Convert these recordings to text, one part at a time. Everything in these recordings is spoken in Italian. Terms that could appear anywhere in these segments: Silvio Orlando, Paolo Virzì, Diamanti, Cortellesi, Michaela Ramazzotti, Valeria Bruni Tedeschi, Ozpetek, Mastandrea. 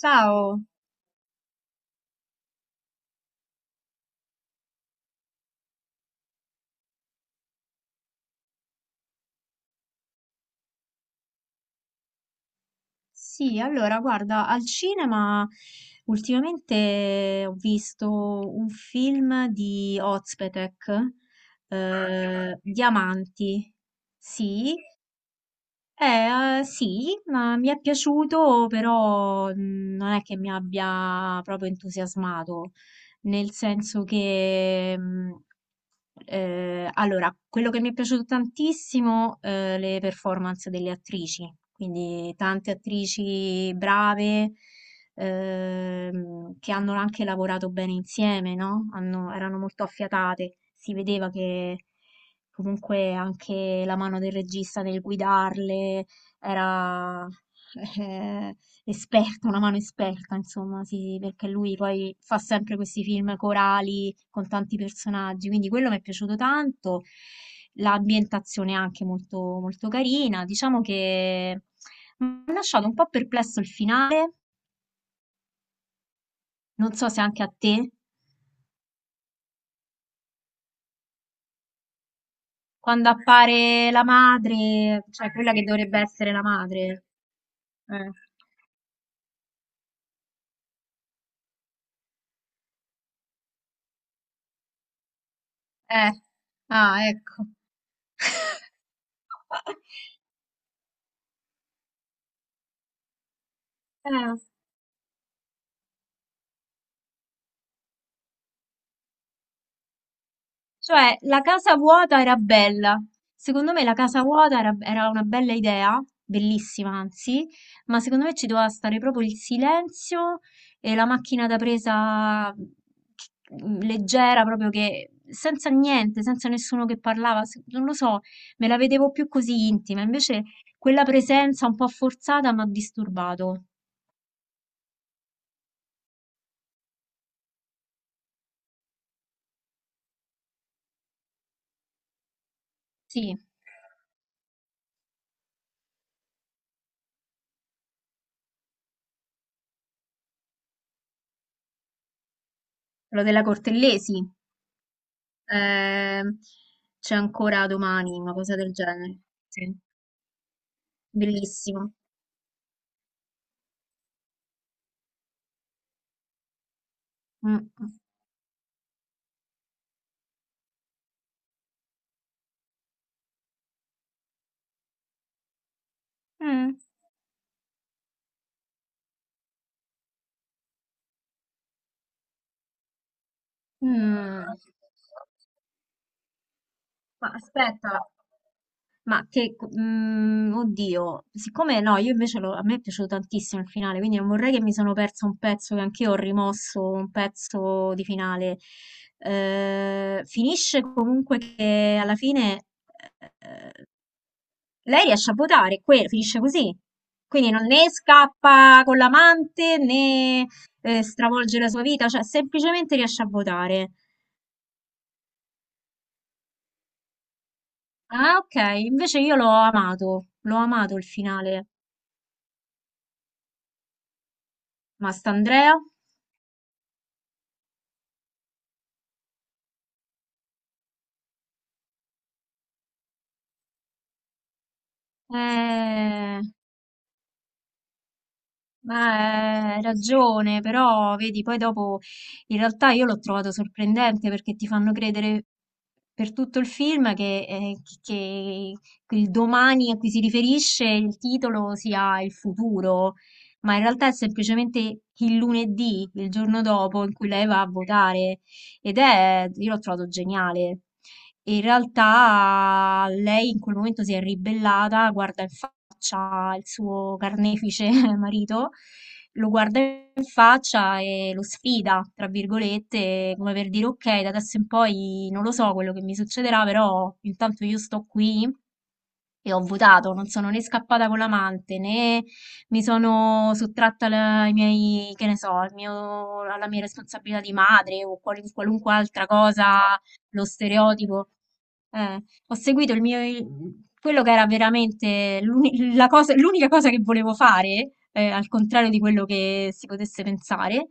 Ciao, sì, allora guarda, al cinema ultimamente ho visto un film di Ozpetek, Diamanti, sì. Sì, ma mi è piaciuto, però non è che mi abbia proprio entusiasmato, nel senso che, allora, quello che mi è piaciuto tantissimo, le performance delle attrici, quindi tante attrici brave, che hanno anche lavorato bene insieme, no? Erano molto affiatate, si vedeva che comunque anche la mano del regista nel guidarle era eh, esperta, una mano esperta, insomma, sì, sì, perché lui poi fa sempre questi film corali con tanti personaggi, quindi quello mi è piaciuto tanto. L'ambientazione è anche molto, molto carina. Diciamo che mi ha lasciato un po' perplesso il finale, non so se anche a te, quando appare la madre, cioè quella che dovrebbe essere la madre. Eh. Eh. Ah, ecco. Eh. Cioè, la casa vuota era bella. Secondo me la casa vuota era una bella idea, bellissima anzi, ma secondo me ci doveva stare proprio il silenzio e la macchina da presa che- leggera, proprio che senza niente, senza nessuno che parlava, non lo so, me la vedevo più così intima. Invece quella presenza un po' forzata mi ha disturbato. Sì, quello della Cortellesi. Eh, c'è ancora domani, una cosa del genere. Sì. Bellissimo. Mh-mh. Mh. Mh. Ma aspetta. Oddio, siccome no, io invece lo a me è piaciuto tantissimo il finale, quindi non vorrei che mi sono persa un pezzo, che anch'io ho rimosso, un pezzo di finale. Finisce comunque che alla fine, ehm lei riesce a votare, finisce così. Quindi non né scappa con l'amante né stravolge la sua vita, cioè semplicemente riesce a votare. Ah, ok, invece io l'ho amato il finale. Ma St'Andrea? Eh... Ma hai ragione, però vedi, poi dopo in realtà io l'ho trovato sorprendente perché ti fanno credere per tutto il film che il domani a cui si riferisce il titolo sia il futuro, ma in realtà è semplicemente il lunedì, il giorno dopo in cui lei va a votare ed è, io l'ho trovato geniale. E in realtà lei in quel momento si è ribellata, guarda in faccia il suo carnefice marito, lo guarda in faccia e lo sfida, tra virgolette, come per dire ok, da adesso in poi non lo so quello che mi succederà, però intanto io sto qui e ho votato, non sono né scappata con l'amante né mi sono sottratta ai miei, che ne so, alla mia responsabilità di madre o qualunque altra cosa, lo stereotipo. Ho seguito quello che era veramente l'unica cosa che volevo fare, al contrario di quello che si potesse pensare.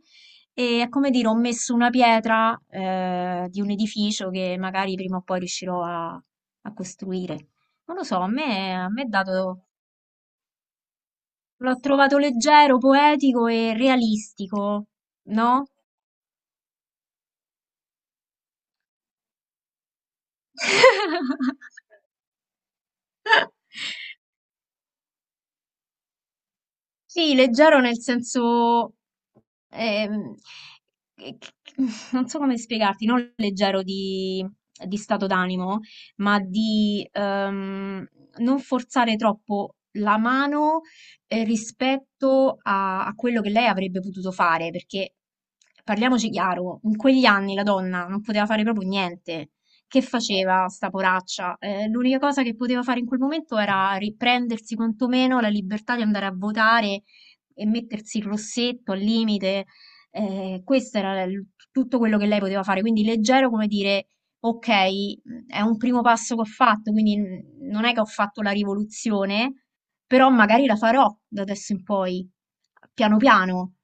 E è come dire, ho messo una pietra, di un edificio che magari prima o poi riuscirò a costruire. Non lo so, a me è dato, l'ho trovato leggero, poetico e realistico, no? Sì, leggero nel senso, ehm, che- che- non so come spiegarti, non leggero di stato d'animo, ma di non forzare troppo la mano rispetto a quello che lei avrebbe potuto fare, perché parliamoci chiaro, in quegli anni la donna non poteva fare proprio niente. Che faceva sta poraccia? L'unica cosa che poteva fare in quel momento era riprendersi quantomeno la libertà di andare a votare e mettersi il rossetto al limite. Questo era l tutto quello che lei poteva fare, quindi leggero come dire: "Okay, è un primo passo che ho fatto, quindi n non è che ho fatto la rivoluzione, però magari la farò da adesso in poi, piano piano".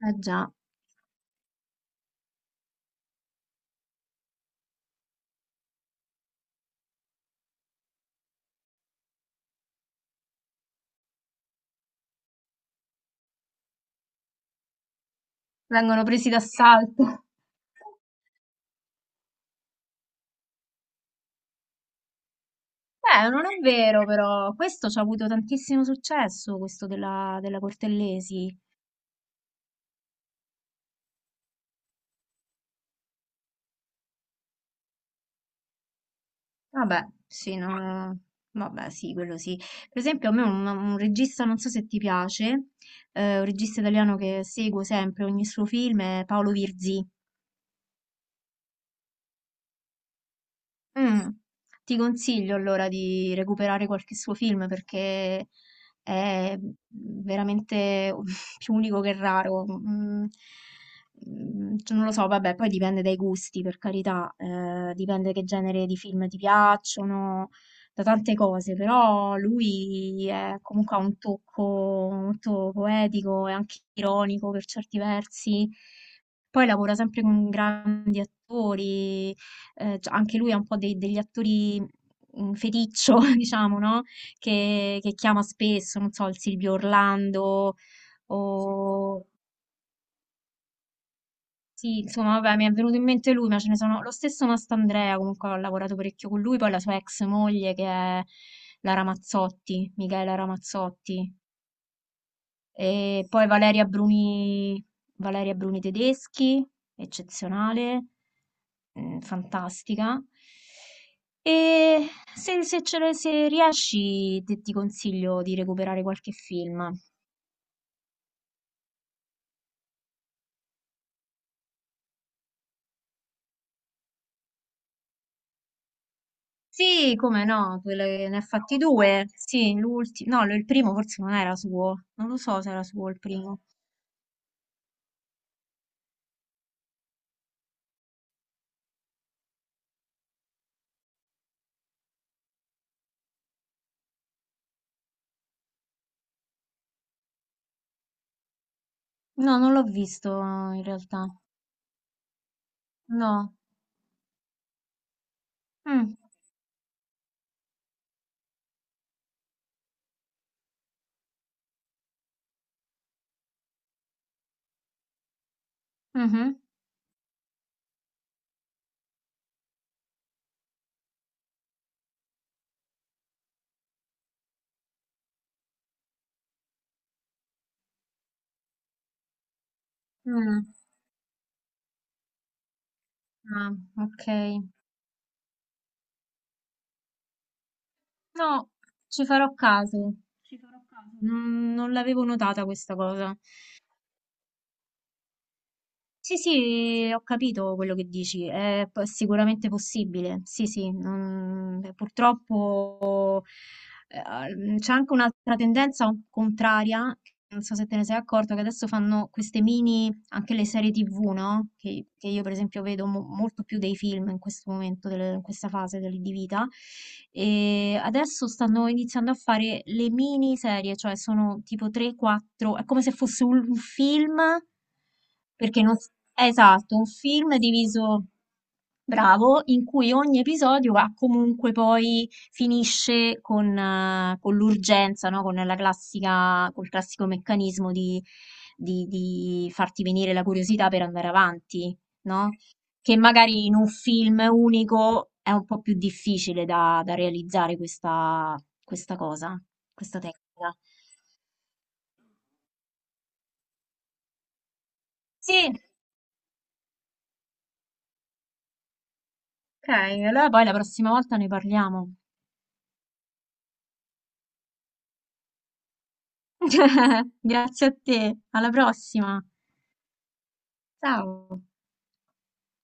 Eh già, vengono presi d'assalto. Beh, non è vero però, questo ci ha avuto tantissimo successo, questo della Cortellesi. Vabbè, sì, no, vabbè, sì, quello sì. Per esempio, a me un regista, non so se ti piace, un regista italiano che seguo sempre ogni suo film è Paolo Virzì. Mh. Ti consiglio allora di recuperare qualche suo film perché è veramente u più unico che raro. Mhmm, cioè non lo so, vabbè, poi dipende dai gusti, per carità, dipende che genere di film ti piacciono, da tante cose, però lui è comunque ha un tocco molto poetico e anche ironico per certi versi. Poi lavora sempre con grandi attori, c anche lui è un po' dei degli attori, feticcio diciamo, no, che chiama spesso, non so, il Silvio Orlando. Sì. O sì, insomma vabbè, mi è venuto in mente lui, ma ce ne sono. Lo stesso Mastandrea comunque ho lavorato parecchio con lui, poi la sua ex moglie che è la Ramazzotti, Michaela Ramazzotti. E poi Valeria Bruni, Valeria Bruni Tedeschi, eccezionale, mm, fantastica. E se riesci, ti consiglio di recuperare qualche film. Sì, come no, ne ha fatti due. Sì, l'ultimo, no, il primo forse non era suo, non lo so se era suo il primo. No, non l'ho visto in realtà. No. Mm. Mhm. Mm. Ah, ok. No, ci farò caso. Ci farò caso. Non l'avevo notata questa cosa. Sì, sì, ho capito quello che dici, è sicuramente possibile. Sì, sì, purtroppo c'è anche un'altra tendenza contraria, non so se te ne sei accorto, che adesso fanno queste mini anche le serie TV, no? Che io per esempio vedo molto più dei film in questo momento, in questa fase di vita. E adesso stanno iniziando a fare le miniserie, cioè sono tipo 3-4, è come se fosse un film, perché non... Esatto, un film diviso, bravo, in cui ogni episodio ha comunque poi finisce con l'urgenza, no? Con la classica, col classico meccanismo di, di farti venire la curiosità per andare avanti, no? Che magari in un film unico è un po' più difficile da realizzare questa, questa cosa, questa tecnica. Sì, ok, allora poi la prossima volta ne parliamo. Grazie a te, alla prossima. Ciao.